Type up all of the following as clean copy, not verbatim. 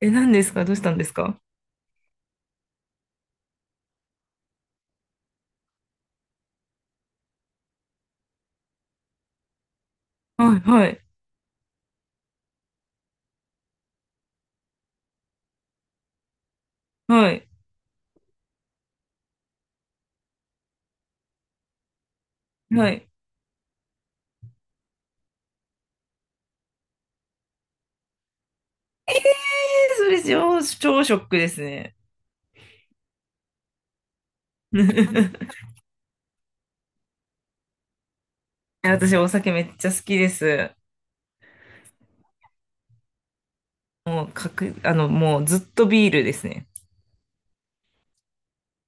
え、何ですか？どうしたんですか？はい、はい、はい、はい。えー、それ超ショックですね。え、私、お酒めっちゃ好きです。もう、かく、あの、もうずっとビールですね。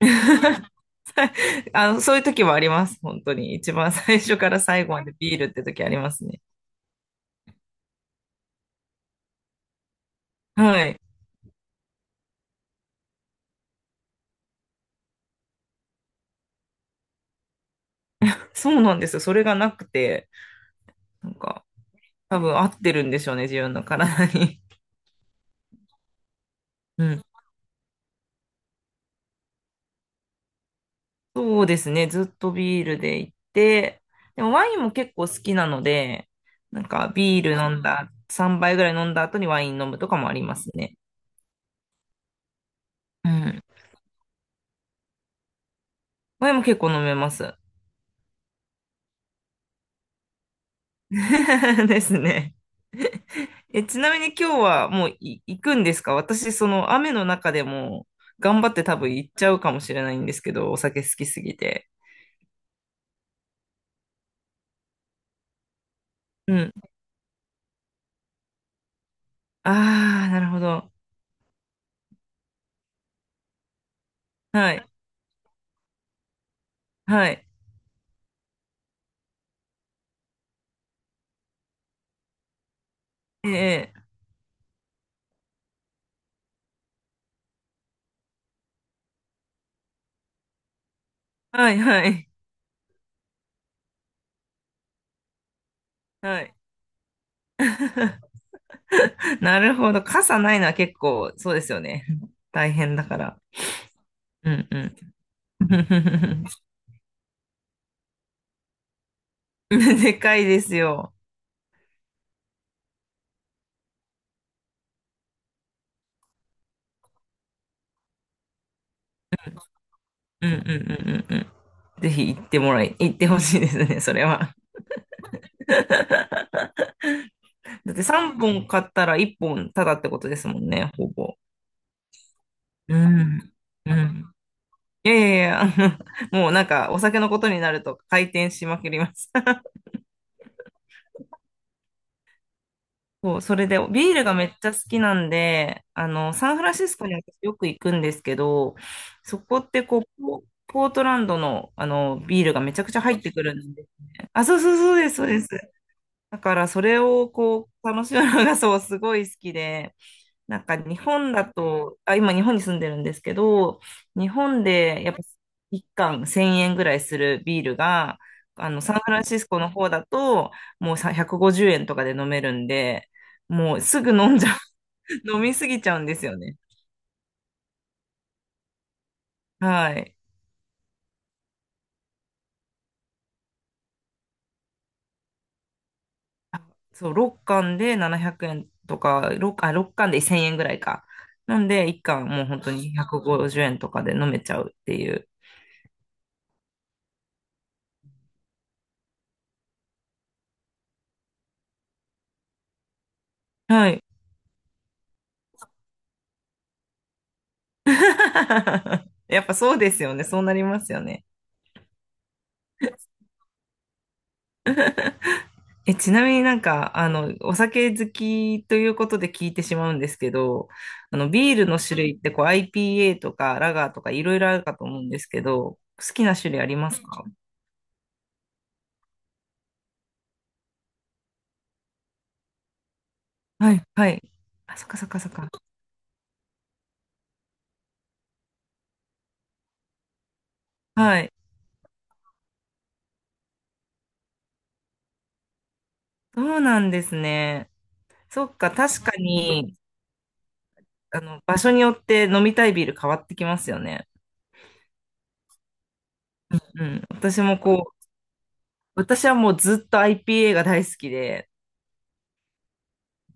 あの、そういう時もあります。本当に。一番最初から最後までビールって時ありますね。はい。そうなんですよ。それがなくて、なんか、多分合ってるんでしょうね、自分の体に。うん。そうですね。ずっとビールで行って、でもワインも結構好きなので、なんかビール飲んだ、3杯ぐらい飲んだ後にワイン飲むとかもありますね。うん。ワインも結構飲めます。ですね。え、ちなみに今日はもう行くんですか？私、その雨の中でも頑張って多分行っちゃうかもしれないんですけど、お酒好きすぎて。うん。ああ、なるほど。はい。はい。ええ。はい、はい。はい。なるほど。傘ないのは結構、そうですよね。大変だから。うんうん。でかいですよ。うんうんうんうんうん。ぜひ行ってもらい、行ってほしいですね、それは。だって3本買ったら1本ただってことですもんね、ほぼ。うん。うん。いやいやいや、もうなんかお酒のことになると回転しまくります。そう、それでビールがめっちゃ好きなんで、あの、サンフランシスコに私よく行くんですけど、そこってこう、ポートランドの、あの、ビールがめちゃくちゃ入ってくるんですね。あ、そうそうそうです、そうです。だからそれをこう、楽しむのがそう、すごい好きで、なんか日本だと、あ、今日本に住んでるんですけど、日本でやっぱ1缶1000円ぐらいするビールが、あの、サンフランシスコの方だと、もうさ150円とかで飲めるんで、もうすぐ飲んじゃう、飲みすぎちゃうんですよね。はい。そう、6缶で1000円ぐらいか。なんで、1缶もう本当に150円とかで飲めちゃうっていう。はい。やっぱそうですよね。そうなりますよね。え、ちなみにお酒好きということで聞いてしまうんですけど、あの、ビールの種類ってこう IPA とかラガーとかいろいろあるかと思うんですけど、好きな種類ありますか？はい、はい。あ、そっか。はい。そうなんですね。そっか、確かに、あの、場所によって飲みたいビール変わってきますよね。うん。私もこう、私はもうずっと IPA が大好きで、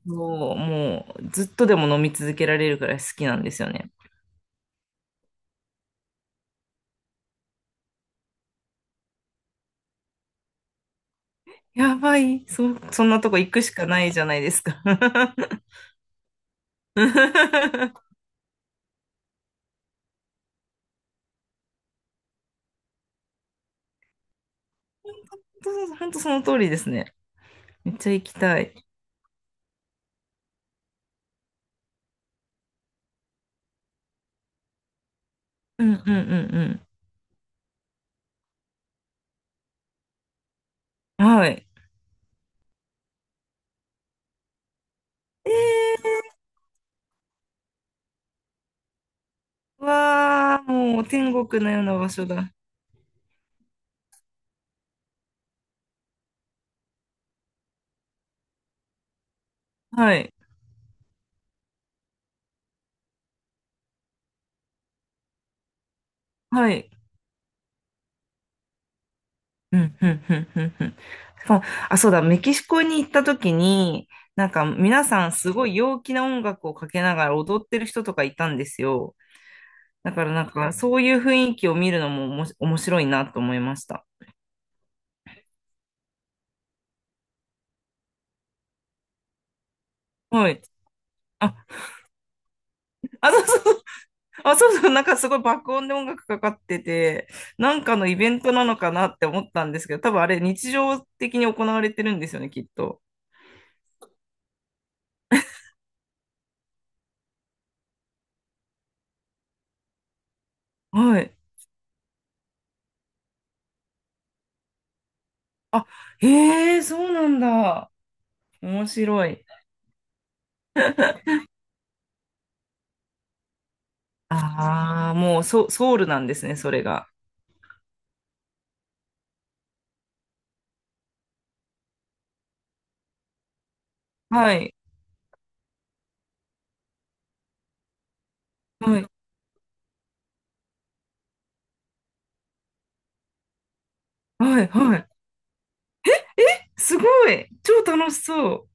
そう、もうずっとでも飲み続けられるくらい好きなんですよね。やばい、そんなとこ行くしかないじゃないですか。本当その通りですね。めっちゃ行きたい。うんうんうんうん。はい。えー、わー、もう天国のような場所だ。はい。はい。うん、うん、うん、うん、うん。しかも、あ、そうだ、メキシコに行った時に、なんか皆さんすごい陽気な音楽をかけながら踊ってる人とかいたんですよ。だからなんか、そういう雰囲気を見るのもおもし面白いなと思いました。はい。あ、あ、そうそう。あ、そうそう。なんかすごい爆音で音楽かかってて、なんかのイベントなのかなって思ったんですけど、多分あれ日常的に行われてるんですよね、きっと。はい。あ、へえ、そうなんだ。面白い。ああ、もうソ、ソウルなんですね、それが。はい。はい。はい。はい。すごい。超楽しそう。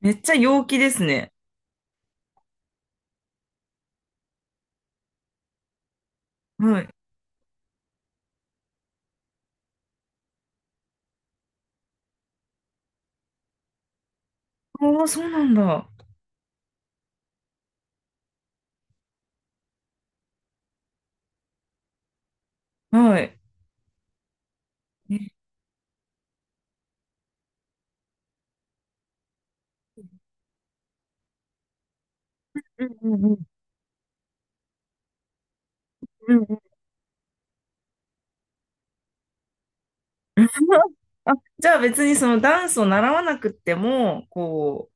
めっちゃ陽気ですね。はい。ああ、そうなんだ。はい。ねうんうんうんうん あ、じゃあ別にそのダンスを習わなくっても、こ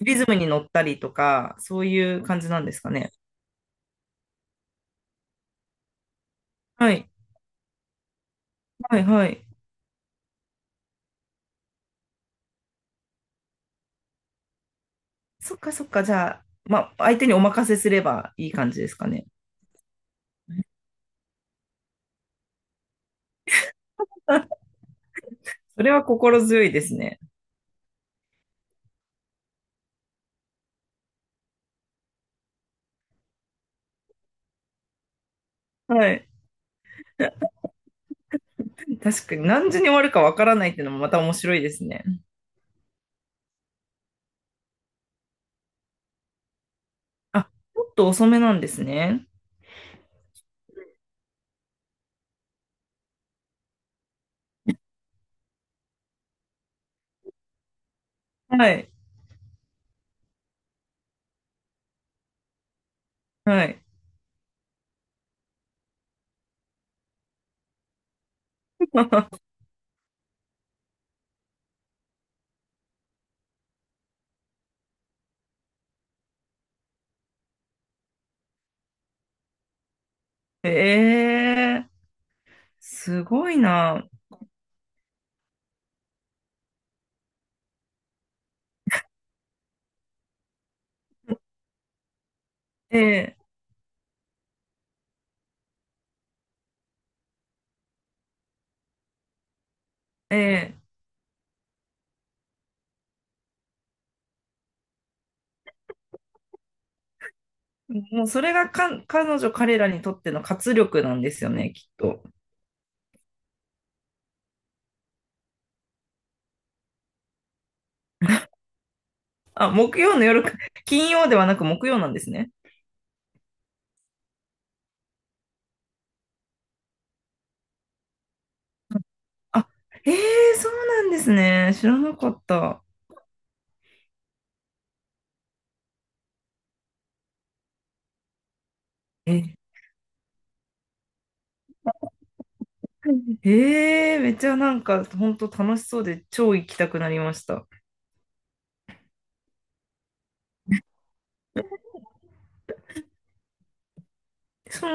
う、リズムに乗ったりとか、そういう感じなんですかね。はい。はい。はい。そっかそっか。じゃあ、まあ、相手にお任せすればいい感じですかね。それは心強いですね。はい。確かに何時に終わるかわからないっていうのもまた面白いですね。あ、ちょっと遅めなんですね。はい。はい。ええー、すごいな。ええええ、もうそれが彼女彼らにとっての活力なんですよね、きっと。あ、木曜の夜か、金曜ではなく木曜なんですね。あ、ええー、そうなんですね。知らなかった。え、めっちゃ本当楽しそうで超行きたくなりました。